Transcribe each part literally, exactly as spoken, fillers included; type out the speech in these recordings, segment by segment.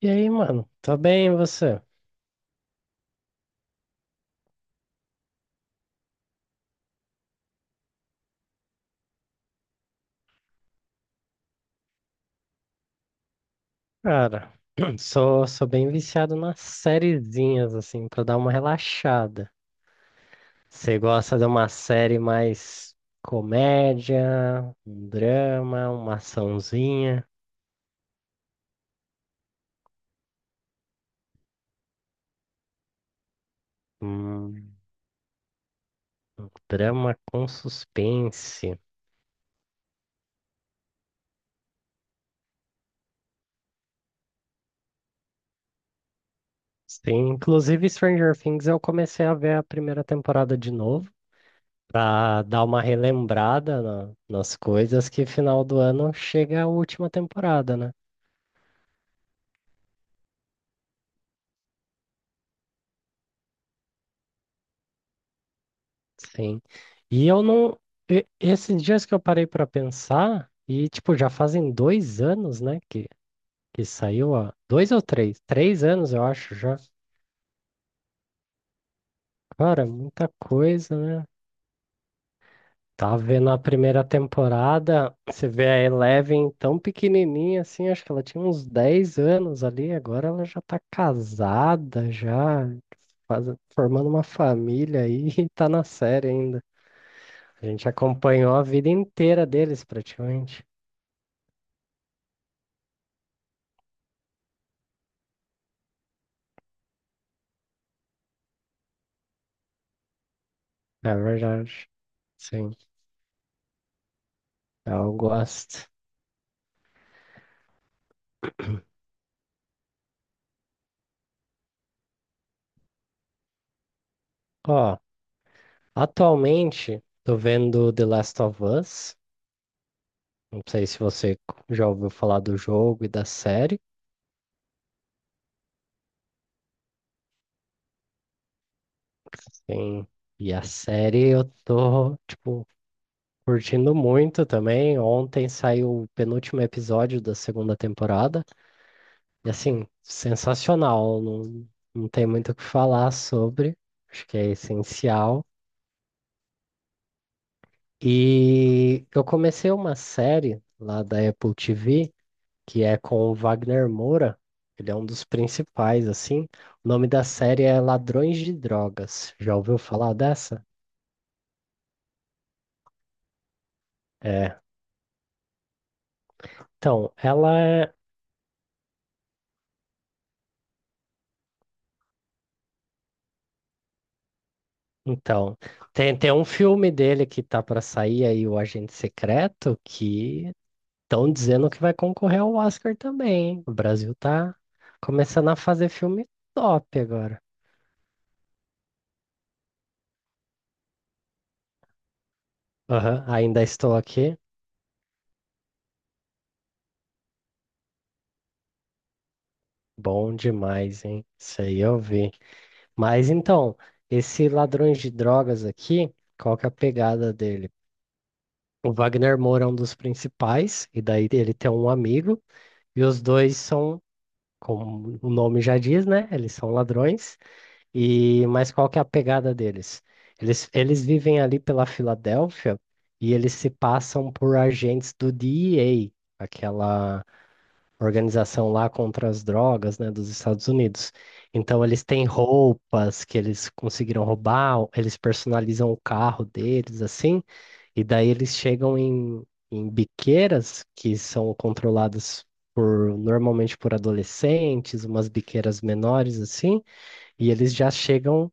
E aí, mano? Tô bem, e você? Cara, sou, sou bem viciado nas sériezinhas, assim, pra dar uma relaxada. Você gosta de uma série mais comédia, um drama, uma açãozinha, um drama com suspense. Sim, inclusive Stranger Things eu comecei a ver a primeira temporada de novo, pra dar uma relembrada na- nas coisas que final do ano chega a última temporada, né? Sim. E eu não. e- Esses dias que eu parei para pensar, e tipo, já fazem dois anos, né? Que, que saiu há. Dois ou três? Três anos, eu acho já. Cara, muita coisa, né? Tava vendo a primeira temporada, você vê a Eleven tão pequenininha assim, acho que ela tinha uns dez anos ali, agora ela já tá casada, já faz- formando uma família aí e tá na série ainda. A gente acompanhou a vida inteira deles praticamente. É verdade. Sim, eu gosto. Ó, atualmente tô vendo The Last of Us. Não sei se você já ouviu falar do jogo e da série. Sim. E a série eu tô, tipo, curtindo muito também. Ontem saiu o penúltimo episódio da segunda temporada. E assim, sensacional. Não, não tem muito o que falar sobre. Acho que é essencial. E eu comecei uma série lá da Apple T V, que é com o Wagner Moura. Ele é um dos principais, assim. O nome da série é Ladrões de Drogas. Já ouviu falar dessa? É. Então, ela é. Então, tem, tem um filme dele que tá pra sair aí, O Agente Secreto, que estão dizendo que vai concorrer ao Oscar também, hein? O Brasil tá começando a fazer filme top agora. Aham, ainda estou aqui. Bom demais, hein? Isso aí eu vi. Mas então, esse Ladrões de Drogas aqui, qual que é a pegada dele? O Wagner Moura é um dos principais, e daí ele tem um amigo, e os dois são, como o nome já diz, né? Eles são ladrões. E mas qual que é a pegada deles? Eles, eles vivem ali pela Filadélfia e eles se passam por agentes do D E A, aquela organização lá contra as drogas, né, dos Estados Unidos. Então eles têm roupas que eles conseguiram roubar, eles personalizam o carro deles assim, e daí eles chegam em, em, biqueiras que são controladas por normalmente por adolescentes, umas biqueiras menores assim, e eles já chegam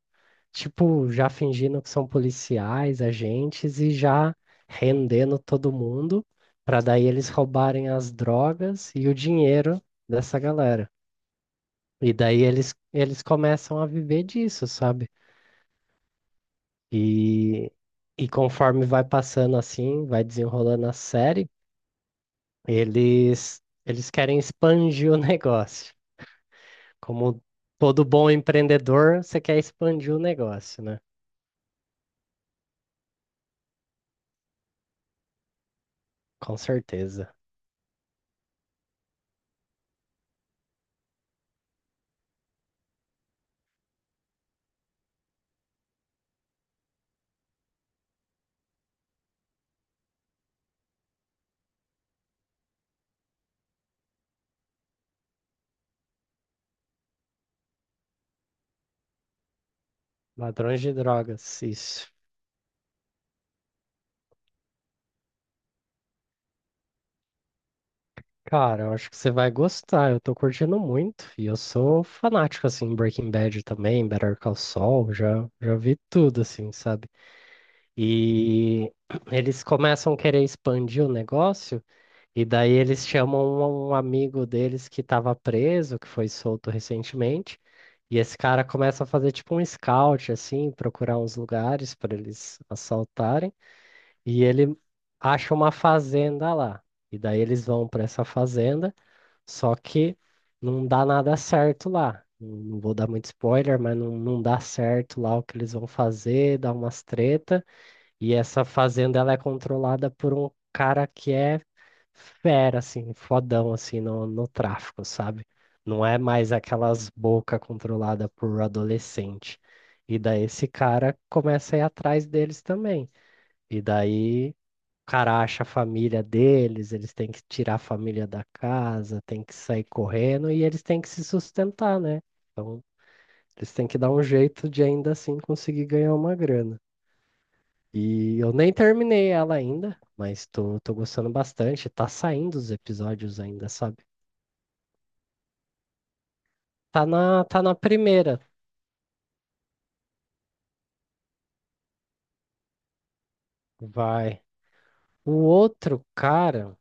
tipo, já fingindo que são policiais, agentes e já rendendo todo mundo, para daí eles roubarem as drogas e o dinheiro dessa galera. E daí eles, eles, começam a viver disso, sabe? E, e conforme vai passando assim, vai desenrolando a série, eles, eles querem expandir o negócio. Como todo bom empreendedor, você quer expandir o negócio, né? Com certeza. Ladrões de Drogas, isso. Cara, eu acho que você vai gostar. Eu tô curtindo muito e eu sou fanático assim em Breaking Bad também, Better Call Saul, já já vi tudo assim, sabe? E eles começam a querer expandir o negócio e daí eles chamam um um amigo deles que estava preso, que foi solto recentemente, e esse cara começa a fazer tipo um scout assim, procurar uns lugares para eles assaltarem, e ele acha uma fazenda lá. E daí eles vão para essa fazenda só que não dá nada certo lá. Não não vou dar muito spoiler, mas não, não dá certo lá o que eles vão fazer, dá umas treta. E essa fazenda ela é controlada por um cara que é fera, assim, fodão, assim, no, no, tráfico, sabe? Não é mais aquelas bocas controladas por adolescente. E daí esse cara começa a ir atrás deles também. E daí cara acha a família deles, eles têm que tirar a família da casa, têm que sair correndo e eles têm que se sustentar, né? Então, eles têm que dar um jeito de ainda assim conseguir ganhar uma grana. E eu nem terminei ela ainda, mas tô, tô gostando bastante. Tá saindo os episódios ainda, sabe? Tá na, tá na primeira. Vai. O outro cara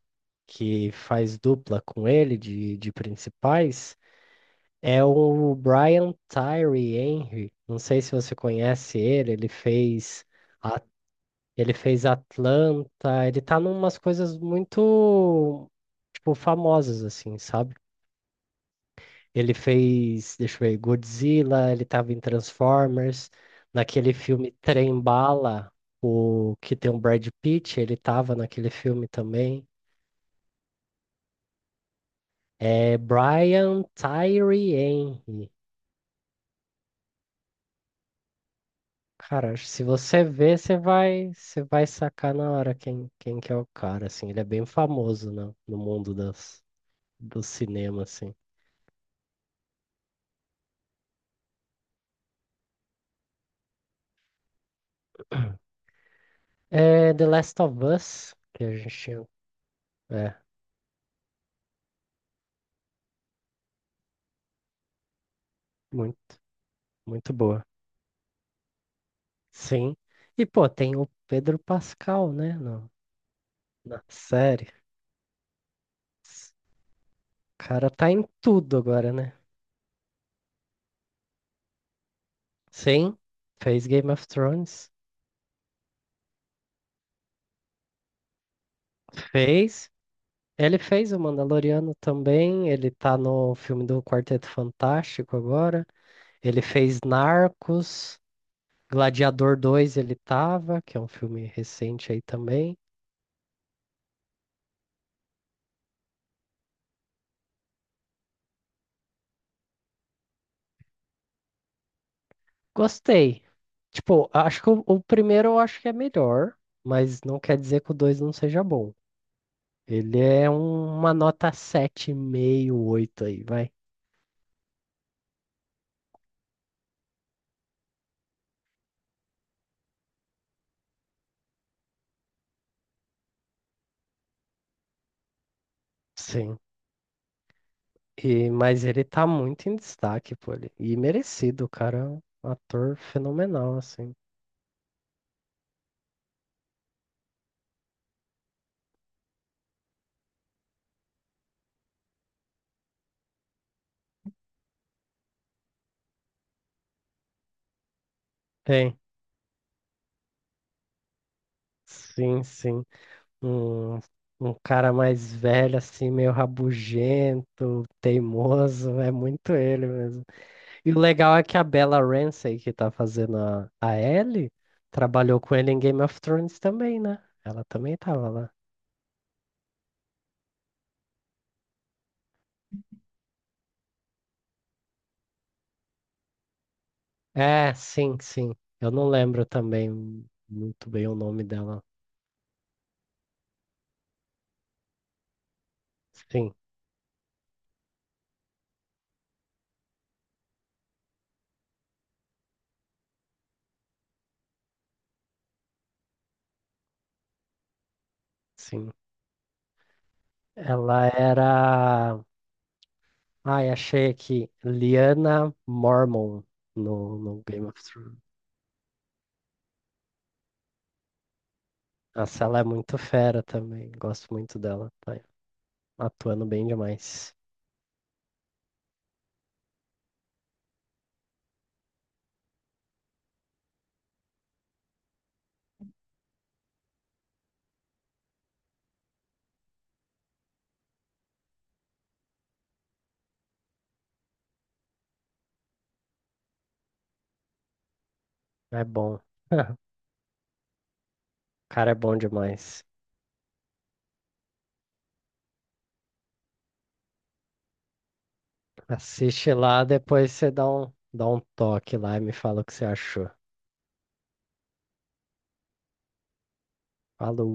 que faz dupla com ele de, de, principais. É o Brian Tyree Henry. Não sei se você conhece ele. Ele fez, a- ele fez Atlanta. Ele tá numas coisas muito, tipo, famosas, assim, sabe? Ele fez, deixa eu ver, Godzilla. Ele tava em Transformers. Naquele filme Trem Bala, o que tem o Brad Pitt, ele tava naquele filme também. É Brian Tyree Henry. Cara, se você vê, você vai, você vai sacar na hora quem, quem que é o cara, assim. Ele é bem famoso, né, no mundo das, do cinema, assim. É The Last of Us, que a gente tinha. É, muito, muito boa. Sim. E, pô, tem o Pedro Pascal, né, no, na série. O cara tá em tudo agora, né? Sim, fez Game of Thrones. Fez. Ele fez o Mandaloriano também, ele tá no filme do Quarteto Fantástico agora. Ele fez Narcos, Gladiador dois. Ele tava, que é um filme recente aí também. Gostei. Tipo, acho que o, o primeiro eu acho que é melhor, mas não quer dizer que o dois não seja bom. Ele é um- uma nota sete vírgula cinco, oito aí, vai. Sim. E, mas ele tá muito em destaque, pô. ele- E merecido, o cara. É um ator fenomenal, assim. Tem. Sim, sim. Um, um cara mais velho, assim, meio rabugento, teimoso, é muito ele mesmo. E o legal é que a Bella Ramsey, que tá fazendo a, a, Ellie, trabalhou com ele em Game of Thrones também, né? Ela também tava lá. É, sim, sim. Eu não lembro também muito bem o nome dela. Sim, sim. Ela era. Ai, achei aqui. Lyanna Mormont no, no Game of Thrones. Nossa, ela é muito fera também. Gosto muito dela. Tá atuando bem demais. É bom. O cara é bom demais. Assiste lá, depois você dá um, dá um toque lá e me fala o que você achou. Falou.